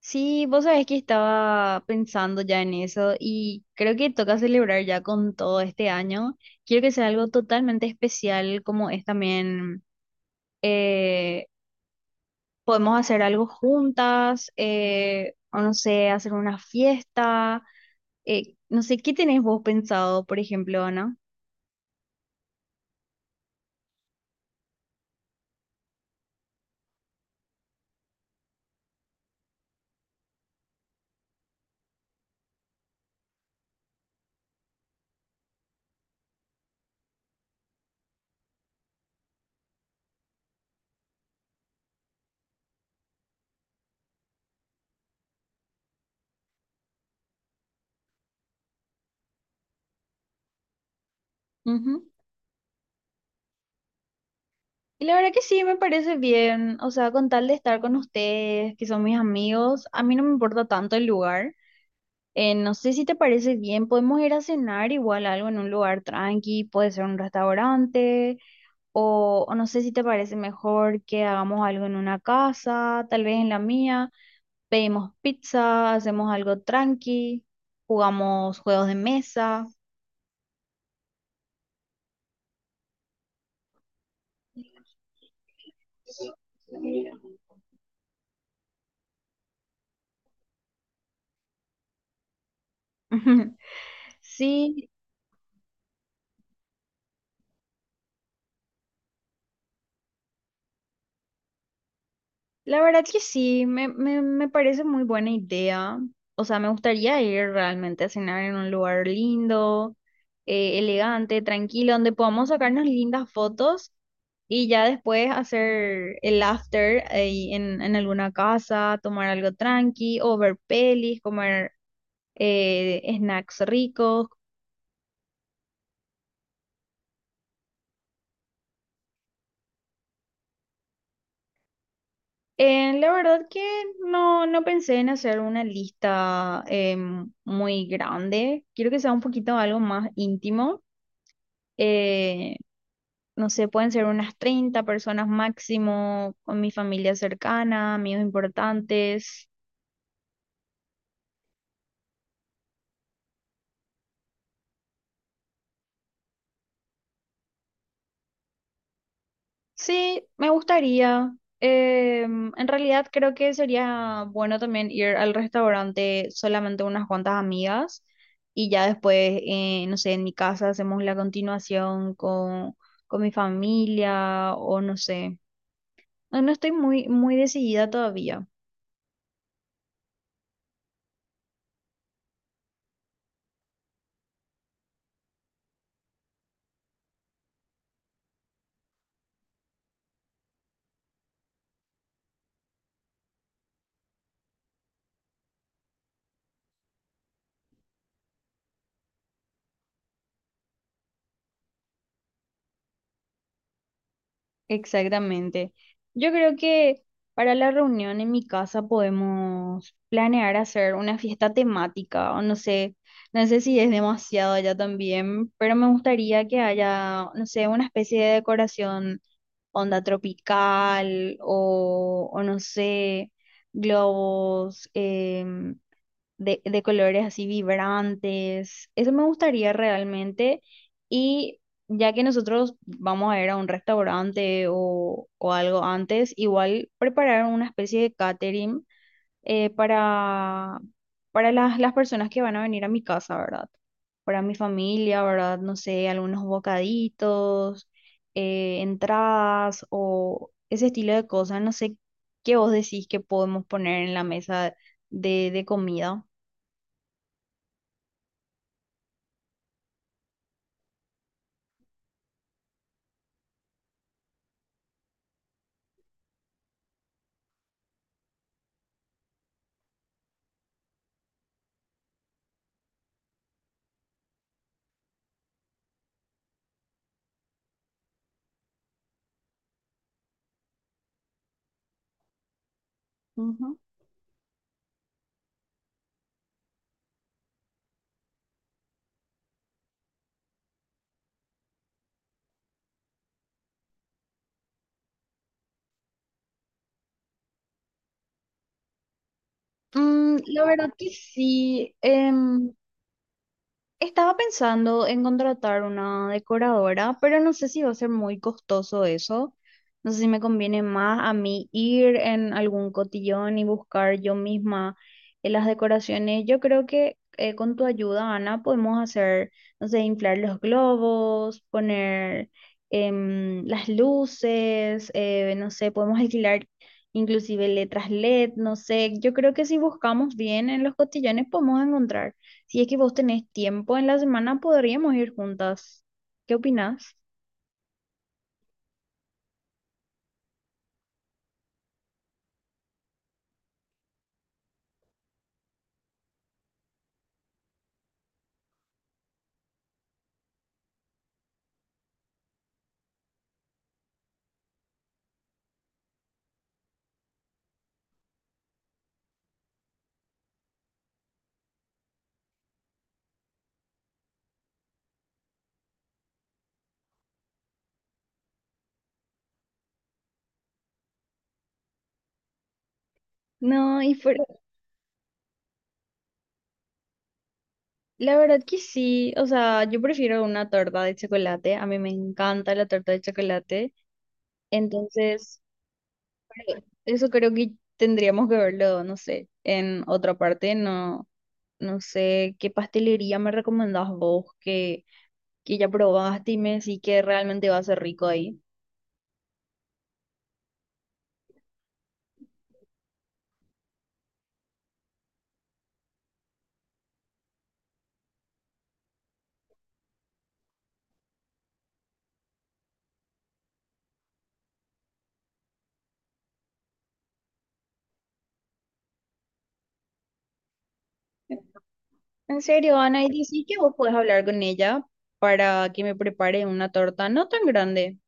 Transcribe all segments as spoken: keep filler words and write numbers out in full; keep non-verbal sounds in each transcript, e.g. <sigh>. Sí, vos sabés que estaba pensando ya en eso y creo que toca celebrar ya con todo este año. Quiero que sea algo totalmente especial como es también, eh, podemos hacer algo juntas, eh, o no sé, hacer una fiesta. Eh, no sé, ¿qué tenés vos pensado, por ejemplo, Ana? Ujú. Y la verdad que sí, me parece bien. O sea, con tal de estar con ustedes, que son mis amigos, a mí no me importa tanto el lugar. Eh, no sé si te parece bien, podemos ir a cenar igual algo en un lugar tranqui, puede ser un restaurante, o, o no sé si te parece mejor que hagamos algo en una casa, tal vez en la mía, pedimos pizza, hacemos algo tranqui, jugamos juegos de mesa. <laughs> Sí, la verdad que sí, me, me, me parece muy buena idea. O sea, me gustaría ir realmente a cenar en un lugar lindo, eh, elegante, tranquilo, donde podamos sacarnos lindas fotos y ya después hacer el after ahí en, en alguna casa, tomar algo tranqui o ver pelis, comer eh, snacks ricos. Eh, la verdad que no, no pensé en hacer una lista em, muy grande. Quiero que sea un poquito algo más íntimo. Eh, no sé, pueden ser unas treinta personas máximo, con mi familia cercana, amigos importantes. Sí, me gustaría. Em, en realidad creo que sería bueno también ir al restaurante solamente unas cuantas amigas y ya después, eh, no sé, en mi casa hacemos la continuación con, con mi familia o no sé. No no estoy muy, muy decidida todavía. Exactamente. Yo creo que para la reunión en mi casa podemos planear hacer una fiesta temática, o no sé, no sé si es demasiado allá también, pero me gustaría que haya, no sé, una especie de decoración onda tropical o, o no sé, globos, em, de, de colores así vibrantes. Eso me gustaría realmente. Y ya que nosotros vamos a ir a un restaurante o, o algo antes, igual preparar una especie de catering eh, para, para las, las personas que van a venir a mi casa, ¿verdad? Para mi familia, ¿verdad? No sé, algunos bocaditos, eh, entradas o ese estilo de cosas. No sé qué vos decís que podemos poner en la mesa de, de comida. Ujú. Mm, la verdad que sí. eh, Estaba pensando en contratar una decoradora, pero no sé si va a ser muy costoso eso. No sé si me conviene más a mí ir en algún cotillón y buscar yo misma eh, las decoraciones. Yo creo que eh, con tu ayuda, Ana, podemos hacer, no sé, inflar los globos, poner em, las luces, eh, no sé, podemos alquilar inclusive letras L E D, no sé. Yo creo que si buscamos bien en los cotillones podemos encontrar. Si es que vos tenés tiempo en la semana, podríamos ir juntas. ¿Qué opinás? No, y por- La verdad que sí. O sea, yo prefiero una torta de chocolate. A mí me encanta la torta de chocolate. Entonces, eso creo que tendríamos que verlo, no sé, en otra parte. No, no sé qué pastelería me recomendás vos que, que ya probaste y me decís que realmente va a ser rico ahí. En serio, Ana, y decí que vos podés hablar con ella para que me prepare una torta no tan grande.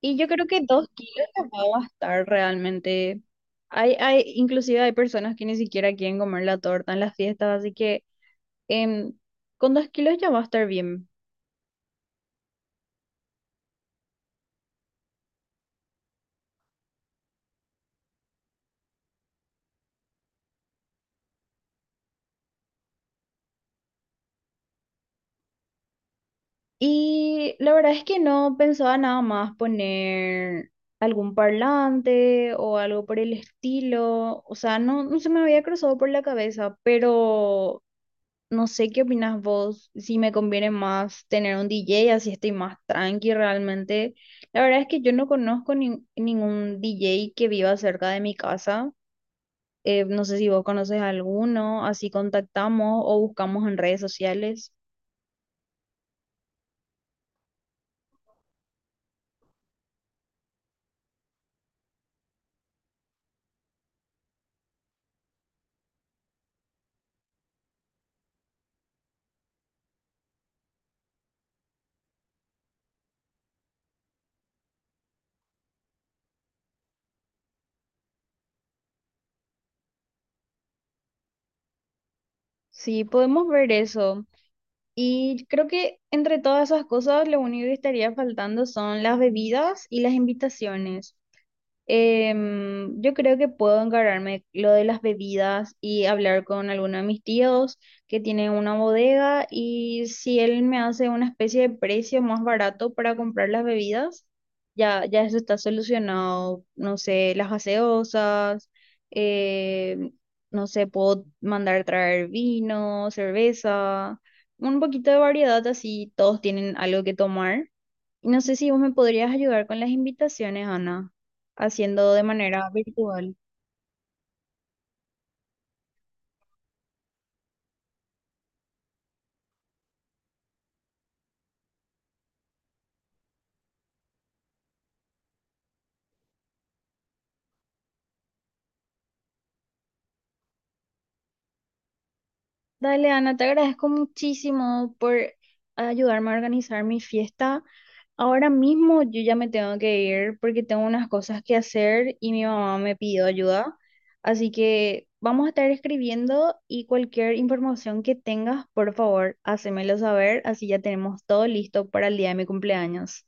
Y yo creo que dos kilos te va a bastar realmente. Hay, hay, inclusive hay personas que ni siquiera quieren comer la torta en las fiestas, así que em, con dos kilos ya va a estar bien. Y la verdad es que no pensaba nada más poner algún parlante o algo por el estilo. O sea, no, no se me había cruzado por la cabeza, pero no sé qué opinas vos, si me conviene más tener un D J, así estoy más tranqui realmente. La verdad es que yo no conozco ni- ningún D J que viva cerca de mi casa. Eh, no sé si vos conoces alguno, así contactamos o buscamos en redes sociales. Sí, podemos ver eso. Y creo que entre todas esas cosas, lo único que estaría faltando son las bebidas y las invitaciones. Em, yo creo que puedo encargarme lo de las bebidas y hablar con alguno de mis tíos que tiene una bodega y si él me hace una especie de precio más barato para comprar las bebidas, ya, ya eso está solucionado. No sé, las gaseosas, em, no sé, puedo mandar traer vino, cerveza, un poquito de variedad así todos tienen algo que tomar. Y no sé si vos me podrías ayudar con las invitaciones, Ana, haciendo de manera virtual. Dale, Ana, te agradezco muchísimo por ayudarme a organizar mi fiesta. Ahora mismo yo ya me tengo que ir porque tengo unas cosas que hacer y mi mamá me pidió ayuda. Así que vamos a estar escribiendo y cualquier información que tengas, por favor, hacémelo saber. Así ya tenemos todo listo para el día de mi cumpleaños.